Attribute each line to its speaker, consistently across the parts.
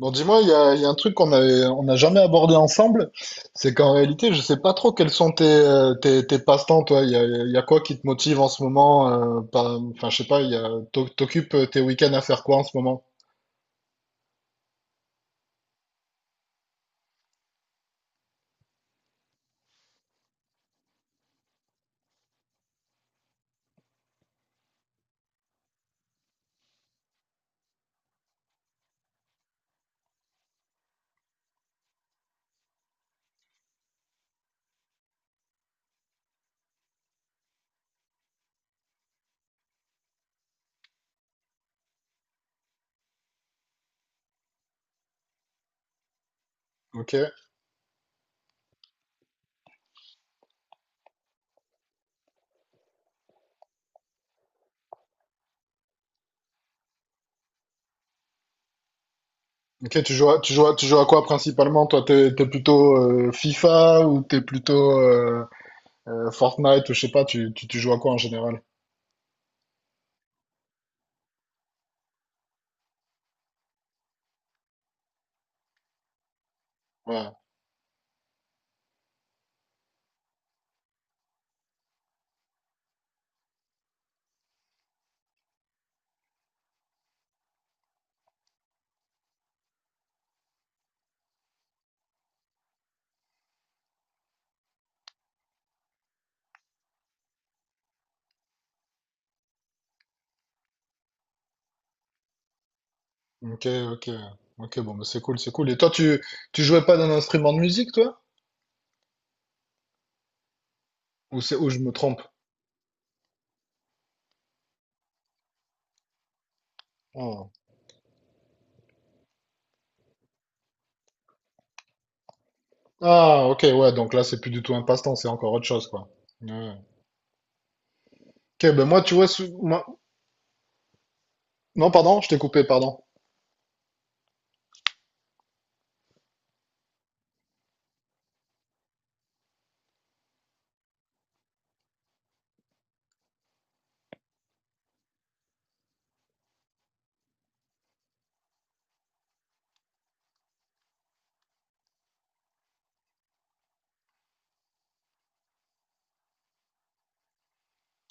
Speaker 1: Bon, dis-moi, il y a un truc on n'a jamais abordé ensemble, c'est qu'en réalité, je sais pas trop quels sont tes passe-temps, toi. Il y a quoi qui te motive en ce moment, enfin, je sais pas, il y a, t'occupes tes week-ends à faire quoi en ce moment? Ok. Ok, tu joues à, tu joues à, tu joues à quoi principalement? Toi, t'es plutôt FIFA ou t'es plutôt Fortnite ou je sais pas, tu joues à quoi en général? Ouais. Ok, ok. Ok, bon, bah, c'est cool, c'est cool. Et toi, tu jouais pas d'un instrument de musique, toi? Ou c'est, ou je me trompe? Ah. Ah, ok, ouais, donc là, c'est plus du tout un passe-temps, c'est encore autre chose, quoi. Ouais. Ok, ben moi, tu vois, sou- moi- Non, pardon, je t'ai coupé, pardon.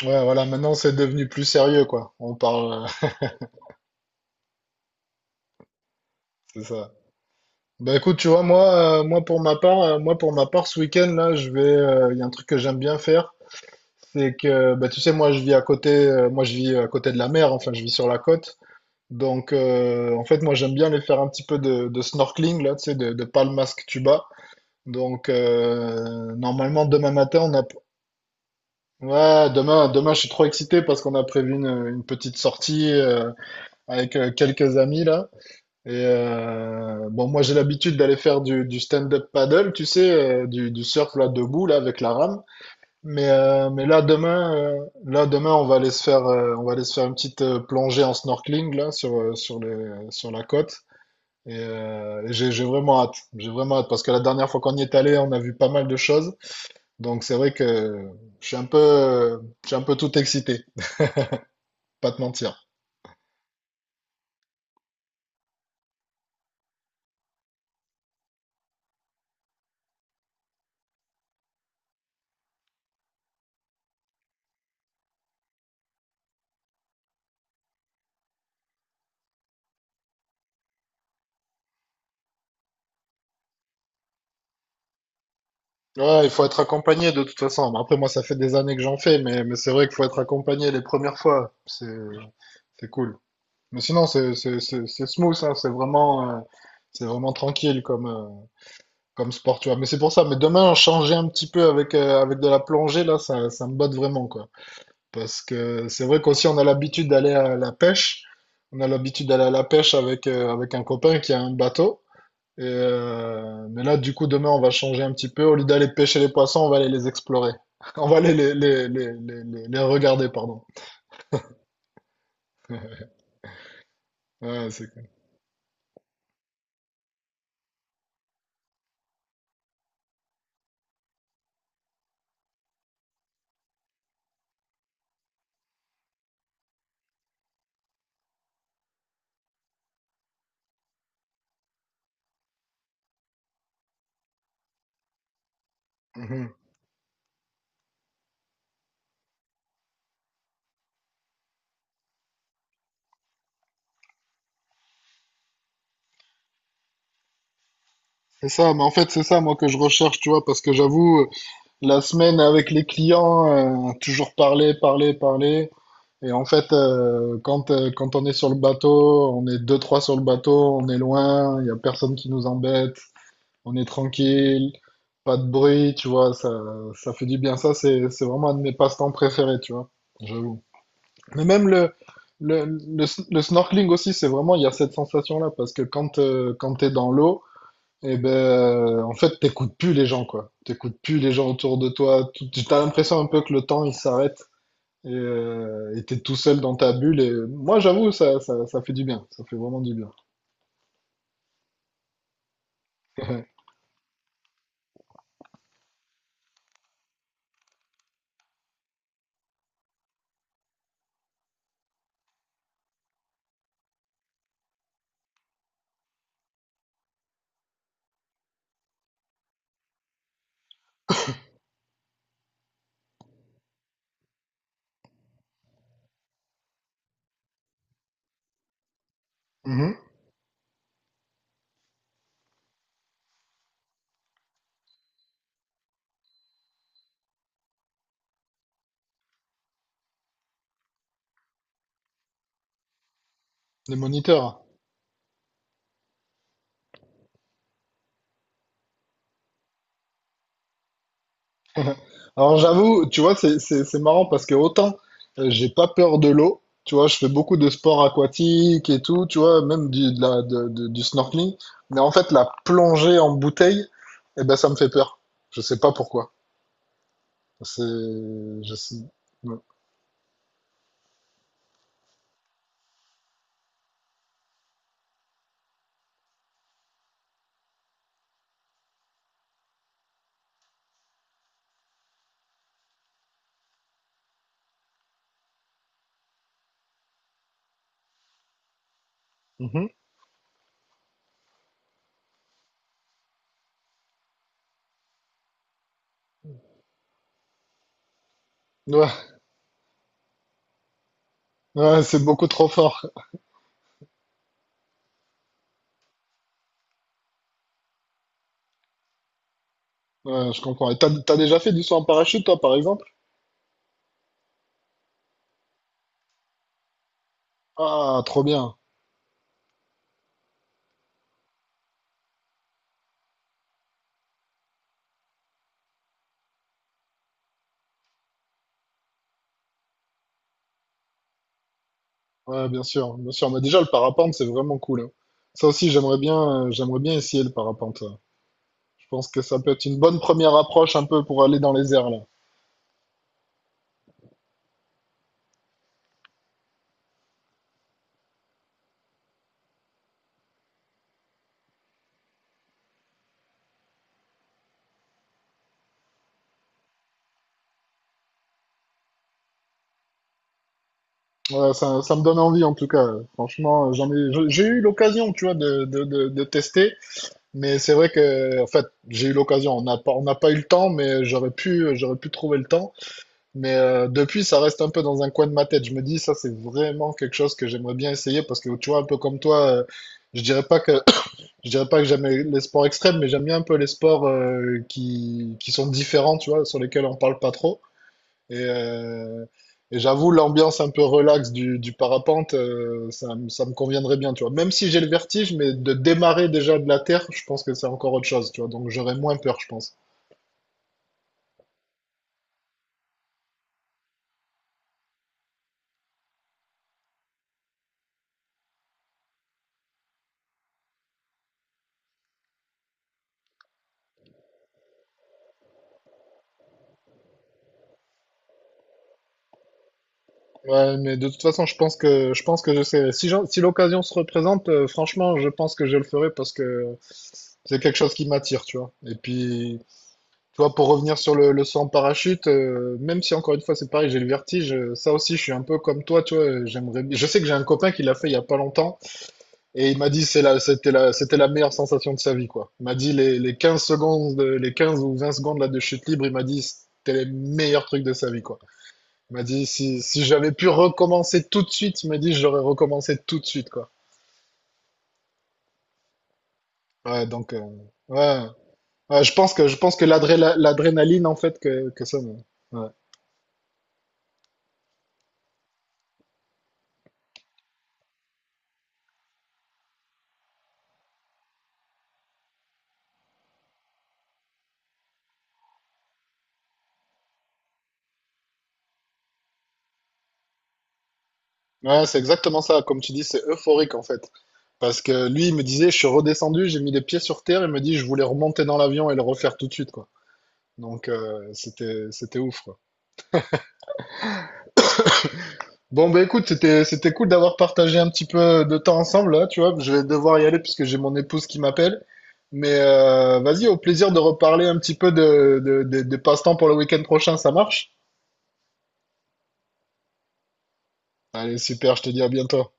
Speaker 1: Ouais, voilà, maintenant, c'est devenu plus sérieux, quoi. On parle, c'est ça. Ben écoute, tu vois, moi, moi pour ma part, moi pour ma part, ce week-end là, je vais, il y a un truc que j'aime bien faire, c'est que, bah, tu sais, moi, je vis à côté de la mer, enfin, je vis sur la côte, donc, en fait, moi, j'aime bien aller faire un petit peu de snorkeling là, tu sais, de palmasque tuba. Donc, normalement, demain matin, on a ouais, demain, je suis trop excité parce qu'on a prévu une petite sortie avec quelques amis là. Et bon, moi, j'ai l'habitude d'aller faire du stand-up paddle, tu sais, du surf là debout là avec la rame. Mais euh, mais là demain, euh, Là demain, on va aller se faire une petite plongée en snorkeling là sur sur les sur la côte. Et j'ai vraiment hâte parce que la dernière fois qu'on y est allé, on a vu pas mal de choses. Donc c'est vrai que je suis un peu tout excité. Pas te mentir. Ouais, il faut être accompagné de toute façon. Bon, après, moi, ça fait des années que j'en fais, mais c'est vrai qu'il faut être accompagné les premières fois. C'est cool. Mais sinon, c'est smooth, hein. C'est vraiment tranquille comme, comme sport, tu vois. Mais c'est pour ça. Mais demain, changer un petit peu avec, avec de la plongée, là, ça me botte vraiment, quoi. Parce que c'est vrai qu'aussi, on a l'habitude d'aller à la pêche. On a l'habitude d'aller à la pêche avec, avec un copain qui a un bateau. Et mais là, du coup, demain, on va changer un petit peu. Au lieu d'aller pêcher les poissons, on va aller les explorer. On va aller les regarder, pardon. Ouais, c'est cool. Mhm. C'est ça, mais en fait, c'est ça, moi, que je recherche, tu vois, parce que j'avoue, la semaine avec les clients, toujours parler. Et en fait, quand on est sur le bateau, on est deux, trois sur le bateau, on est loin, il y a personne qui nous embête. On est tranquille, pas de bruit, tu vois, ça fait du bien. Ça, c'est vraiment un de mes passe-temps préférés, tu vois, j'avoue. Mais même le snorkeling aussi, c'est vraiment, il y a cette sensation-là, parce que quand t'es dans l'eau, eh ben, en fait, t'écoutes plus les gens, quoi. T'écoutes plus les gens autour de toi. Tout- T'as l'impression un peu que le temps, il s'arrête. Et t'es tout seul dans ta bulle. Et moi, j'avoue, ça fait du bien. Ça fait vraiment du bien. Mhm. Les moniteurs. Alors j'avoue, tu vois, c'est marrant parce que autant j'ai pas peur de l'eau, tu vois, je fais beaucoup de sports aquatiques et tout, tu vois, même du, de la, de- du snorkeling, mais en fait la plongée en bouteille, eh ben ça me fait peur. Je sais pas pourquoi. C'est, je sais. Ouais, mhm. Ouais, ouais, c'est beaucoup trop fort. Ouais, je comprends. Et t'as déjà fait du saut en parachute, toi, par exemple? Ah, trop bien. Ouais, bien sûr, bien sûr. Mais déjà le parapente, c'est vraiment cool, hein. Ça aussi, j'aimerais bien essayer le parapente, ouais. Je pense que ça peut être une bonne première approche un peu pour aller dans les airs là. Ouais, ça me donne envie en tout cas. Franchement, j'ai eu l'occasion, tu vois, de tester, mais c'est vrai que, en fait, j'ai eu l'occasion. On n'a pas eu le temps, mais j'aurais pu trouver le temps. Mais depuis, ça reste un peu dans un coin de ma tête. Je me dis, ça, c'est vraiment quelque chose que j'aimerais bien essayer parce que, tu vois, un peu comme toi, je dirais pas que, je dirais pas que j'aime les sports extrêmes, mais j'aime bien un peu les sports qui sont différents, tu vois, sur lesquels on parle pas trop. Et, euh, et j'avoue, l'ambiance un peu relax du parapente, ça me conviendrait bien, tu vois. Même si j'ai le vertige, mais de démarrer déjà de la terre, je pense que c'est encore autre chose, tu vois. Donc j'aurais moins peur, je pense. Ouais, mais de toute façon, je pense que je sais. Si l'occasion se représente, franchement, je pense que je le ferai parce que c'est quelque chose qui m'attire, tu vois. Et puis, tu vois, pour revenir sur le saut en parachute, même si encore une fois, c'est pareil, j'ai le vertige, ça aussi, je suis un peu comme toi, tu vois. J'aimerais, je sais que j'ai un copain qui l'a fait il y a pas longtemps. Et il m'a dit c'était la meilleure sensation de sa vie, quoi. Il m'a dit les 15 secondes, les 15 ou 20 secondes là de chute libre, il m'a dit c'était les meilleurs trucs de sa vie, quoi. Il m'a dit si j'avais pu recommencer tout de suite, il m'a dit j'aurais recommencé tout de suite, quoi. Ouais, donc, ouais. Ouais, je pense que, l'adrénaline, en fait, que ça me- ouais. Ouais, c'est exactement ça. Comme tu dis, c'est euphorique, en fait. Parce que lui, il me disait, je suis redescendu, j'ai mis les pieds sur terre, il me dit, je voulais remonter dans l'avion et le refaire tout de suite, quoi. Donc, c'était, c'était ouf, quoi. Bon, bah écoute, c'était, c'était cool d'avoir partagé un petit peu de temps ensemble, là, tu vois. Je vais devoir y aller puisque j'ai mon épouse qui m'appelle. Mais vas-y, au plaisir de reparler un petit peu des passe-temps pour le week-end prochain, ça marche? Allez, super, je te dis à bientôt.